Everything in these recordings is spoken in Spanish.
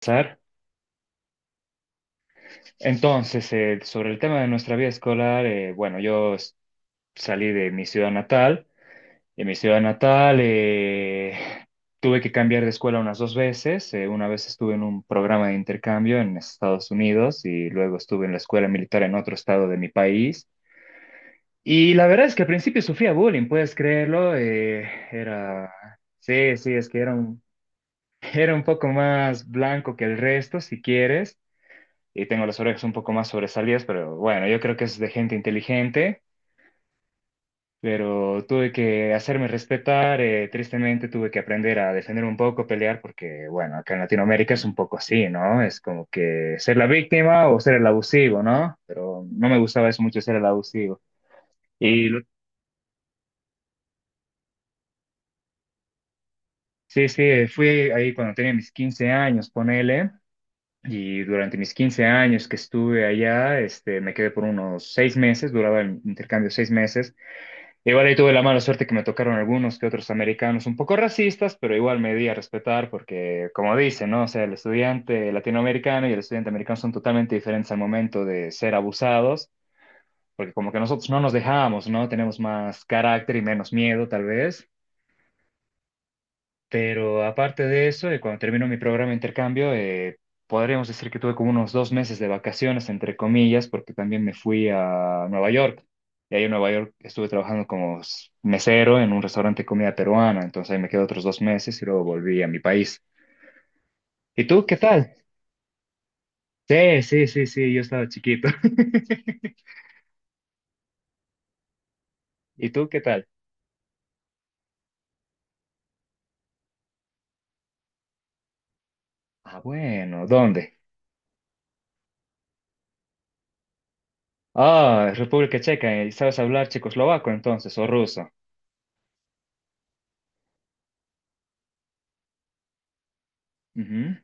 Sar. Entonces, sobre el tema de nuestra vida escolar, bueno, salí de mi ciudad natal. En mi ciudad natal tuve que cambiar de escuela unas dos veces. Una vez estuve en un programa de intercambio en Estados Unidos y luego estuve en la escuela militar en otro estado de mi país. Y la verdad es que al principio sufría bullying, puedes creerlo. Era, sí, sí, es que era un, era un poco más blanco que el resto, si quieres. Y tengo las orejas un poco más sobresalidas, pero bueno, yo creo que es de gente inteligente, pero tuve que hacerme respetar, tristemente tuve que aprender a defender un poco, pelear, porque bueno, acá en Latinoamérica es un poco así, ¿no? Es como que ser la víctima o ser el abusivo, ¿no? Pero no me gustaba eso mucho ser el abusivo. Y lo- sí, sí, fui ahí cuando tenía mis 15 años, ponele. Y durante mis 15 años que estuve allá, me quedé por unos 6 meses, duraba el intercambio 6 meses. Igual ahí tuve la mala suerte que me tocaron algunos que otros americanos un poco racistas, pero igual me di a respetar porque, como dicen, ¿no? O sea, el estudiante latinoamericano y el estudiante americano son totalmente diferentes al momento de ser abusados, porque como que nosotros no nos dejamos, ¿no? Tenemos más carácter y menos miedo, tal vez. Pero aparte de eso, cuando terminó mi programa de intercambio, podríamos decir que tuve como unos 2 meses de vacaciones, entre comillas, porque también me fui a Nueva York. Y ahí en Nueva York estuve trabajando como mesero en un restaurante de comida peruana. Entonces ahí me quedé otros 2 meses y luego volví a mi país. ¿Y tú qué tal? Sí, sí, sí, sí, yo estaba chiquito. ¿Y tú qué tal? Ah, bueno, ¿dónde? Ah, República Checa. ¿Y sabes hablar checoslovaco entonces o ruso? Ujú.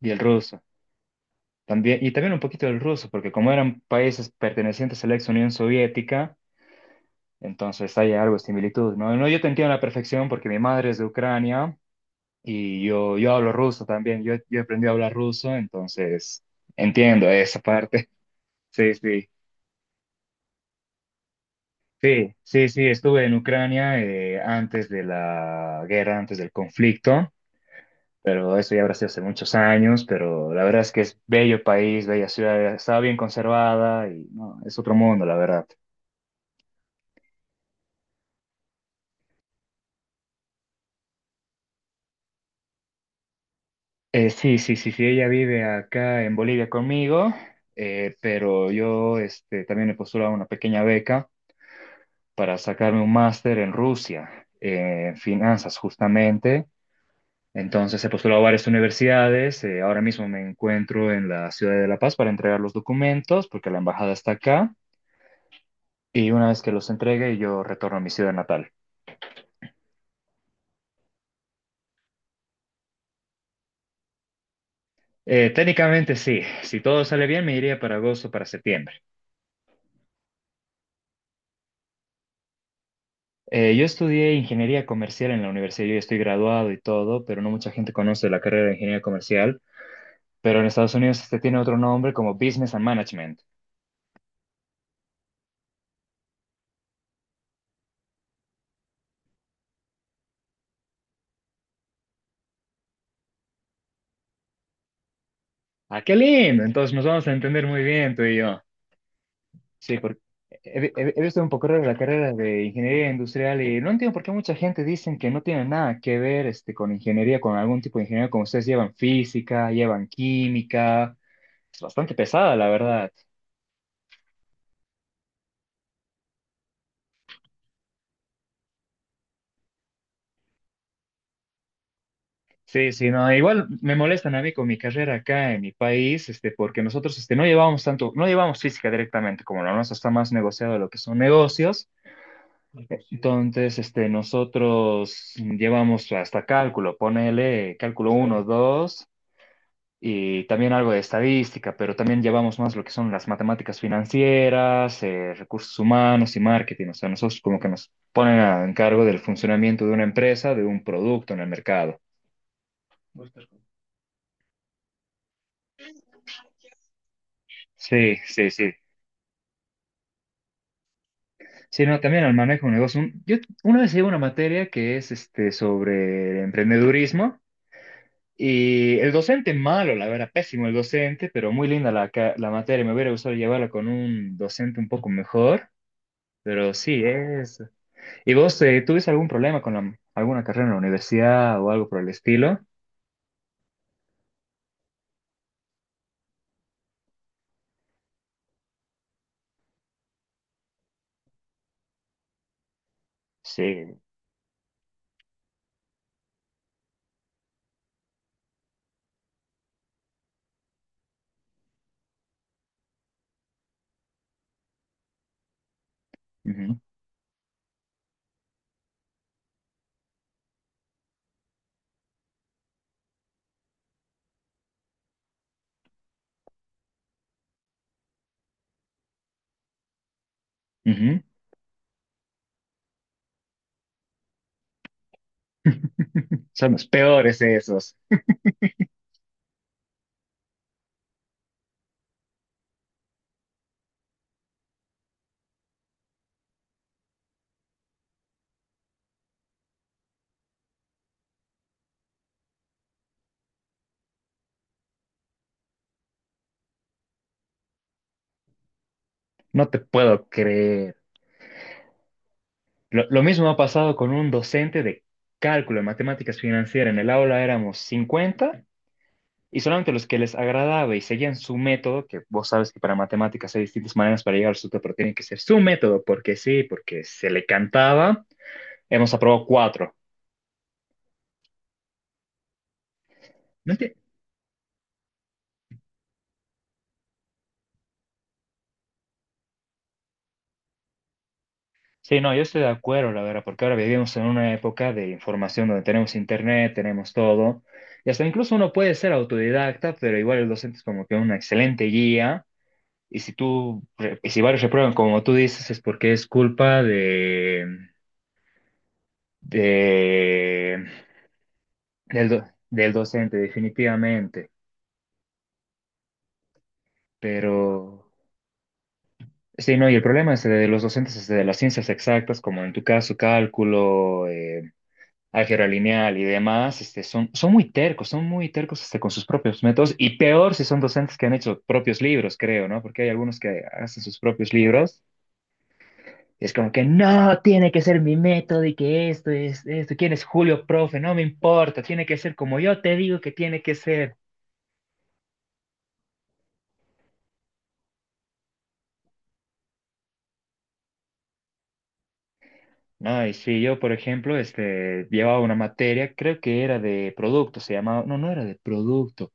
¿Y el ruso? También, y también un poquito del ruso, porque como eran países pertenecientes a la ex Unión Soviética, entonces hay algo de similitud, ¿no? No, yo te entiendo a la perfección porque mi madre es de Ucrania y yo hablo ruso también, yo aprendí a hablar ruso, entonces entiendo esa parte. Sí, sí, sí, sí, sí, estuve en Ucrania antes de la guerra, antes del conflicto, pero eso ya habrá sido hace muchos años, pero la verdad es que es bello país, bella ciudad, está bien conservada y no, es otro mundo, la verdad. Sí, sí, sí, sí, ella vive acá en Bolivia conmigo, pero yo también me postulé a una pequeña beca para sacarme un máster en Rusia, en finanzas justamente. Entonces he postulado a varias universidades, ahora mismo me encuentro en la ciudad de La Paz para entregar los documentos porque la embajada está acá y una vez que los entregue yo retorno a mi ciudad natal. Técnicamente sí, si todo sale bien me iría para agosto, para septiembre. Yo estudié ingeniería comercial en la universidad, yo ya estoy graduado y todo, pero no mucha gente conoce la carrera de ingeniería comercial, pero en Estados Unidos tiene otro nombre como Business and Management. ¡Ah, qué lindo! Entonces nos vamos a entender muy bien tú y yo. Sí, porque he visto un poco raro la carrera de ingeniería industrial y no entiendo por qué mucha gente dicen que no tiene nada que ver con ingeniería, con algún tipo de ingeniería, como ustedes llevan física, llevan química. Es bastante pesada, la verdad. Sí, sí, no, igual me molestan a mí con mi carrera acá en mi país, porque nosotros, no llevamos tanto, no llevamos física directamente, como la nuestra está más negociado lo que son negocios, entonces, nosotros llevamos hasta cálculo, ponele cálculo uno, 2 y también algo de estadística, pero también llevamos más lo que son las matemáticas financieras, recursos humanos y marketing, o sea, nosotros como que nos ponen a encargo del funcionamiento de una empresa, de un producto en el mercado. Sí, sí, sí. Sí, no, también al manejo de negocio. Yo una vez llevo una materia que es sobre emprendedurismo y el docente malo, la verdad, pésimo el docente, pero muy linda la materia. Me hubiera gustado llevarla con un docente un poco mejor, pero sí, es. ¿Y vos tuviste algún problema con alguna carrera en la universidad o algo por el estilo? Sí. Ujú, ujú. Son los peores esos. No te puedo creer. Lo mismo ha pasado con un docente de cálculo de matemáticas financieras. En el aula éramos 50 y solamente los que les agradaba y seguían su método, que vos sabes que para matemáticas hay distintas maneras para llegar al resultado, pero tiene que ser su método, porque sí, porque se le cantaba, hemos aprobado cuatro. ¿No enti- Sí, no, yo estoy de acuerdo, la verdad, porque ahora vivimos en una época de información donde tenemos internet, tenemos todo, y hasta incluso uno puede ser autodidacta, pero igual el docente es como que una excelente guía. Y si tú, y si varios reprueban, como tú dices, es porque es culpa de, del, do- del docente, definitivamente. Pero sí, no, y el problema es de los docentes es de las ciencias exactas, como en tu caso, cálculo, álgebra lineal y demás, son muy tercos, son muy tercos hasta con sus propios métodos, y peor si son docentes que han hecho propios libros, creo, ¿no? Porque hay algunos que hacen sus propios libros. Y es como que no, tiene que ser mi método y que esto es esto. ¿Quién es Julio, profe? No me importa, tiene que ser como yo te digo que tiene que ser. No y sí, yo, por ejemplo, llevaba una materia, creo que era de producto, se llamaba, no, no era de producto.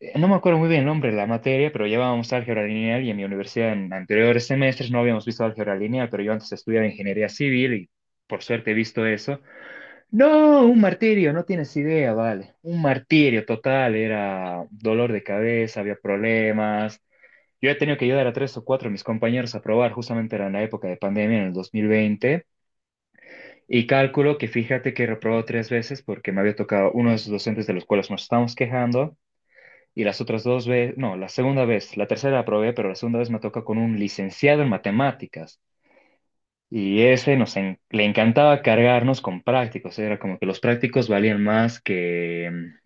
No me acuerdo muy bien el nombre de la materia, pero llevábamos álgebra lineal y en mi universidad en anteriores semestres no habíamos visto álgebra lineal, pero yo antes estudiaba ingeniería civil y por suerte he visto eso. No, un martirio, no tienes idea, vale. Un martirio total, era dolor de cabeza, había problemas. Yo he tenido que ayudar a tres o cuatro de mis compañeros a probar, justamente era en la época de pandemia, en el 2020, y cálculo que fíjate que he reprobado tres veces porque me había tocado uno de esos docentes de los cuales nos estábamos quejando, y las otras dos veces, no, la segunda vez, la tercera la aprobé, pero la segunda vez me toca con un licenciado en matemáticas. Y ese le encantaba cargarnos con prácticos, era como que los prácticos valían más que, mm,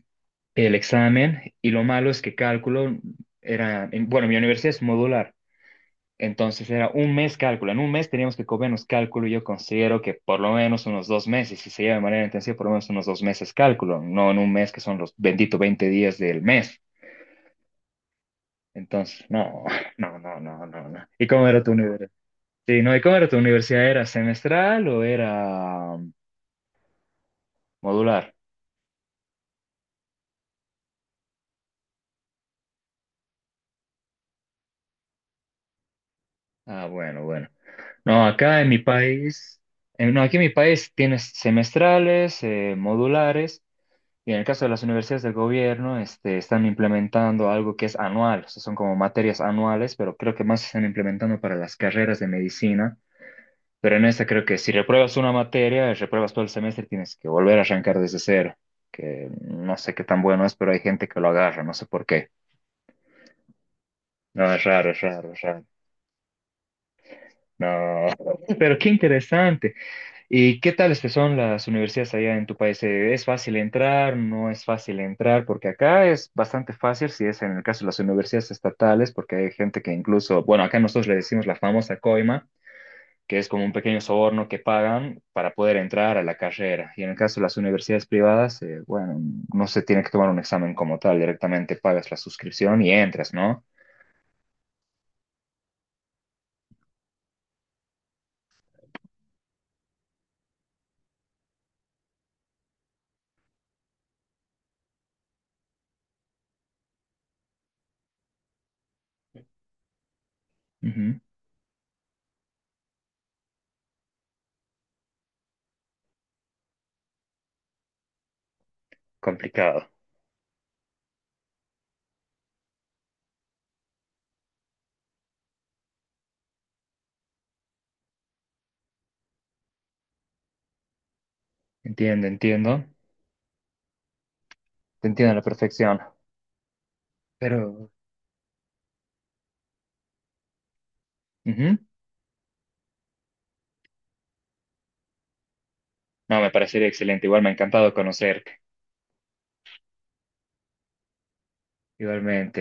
que el examen y lo malo es que cálculo era, bueno, mi universidad es modular, entonces era un mes cálculo, en un mes teníamos que comernos cálculo y yo considero que por lo menos unos 2 meses, si se lleva de manera intensiva, por lo menos unos dos meses cálculo, no en un mes que son los benditos 20 días del mes. Entonces, no, no, no, no, no, no. ¿Y cómo era tu universidad? Sí, no, ¿y cómo era tu universidad? ¿Era semestral o era...? Modular. Ah, bueno, bueno. No, acá en mi país, no, aquí en mi país tienes semestrales, modulares, y en el caso de las universidades del gobierno, están implementando algo que es anual, o sea, son como materias anuales, pero creo que más se están implementando para las carreras de medicina. Pero en esta creo que si repruebas una materia, repruebas todo el semestre, tienes que volver a arrancar desde cero, que no sé qué tan bueno es, pero hay gente que lo agarra, no sé por qué. No, es raro, es raro, es raro. No, pero qué interesante. ¿Y qué tales que son las universidades allá en tu país? ¿Es fácil entrar? ¿No es fácil entrar? Porque acá es bastante fácil si es en el caso de las universidades estatales, porque hay gente que incluso, bueno, acá nosotros le decimos la famosa coima, que es como un pequeño soborno que pagan para poder entrar a la carrera. Y en el caso de las universidades privadas, bueno, no se tiene que tomar un examen como tal, directamente pagas la suscripción y entras, ¿no? Ujú, complicado. Entiendo, entiendo. Te entiendo a la perfección. Pero... ujú. No, me parecería excelente. Igual me ha encantado conocerte. Igualmente.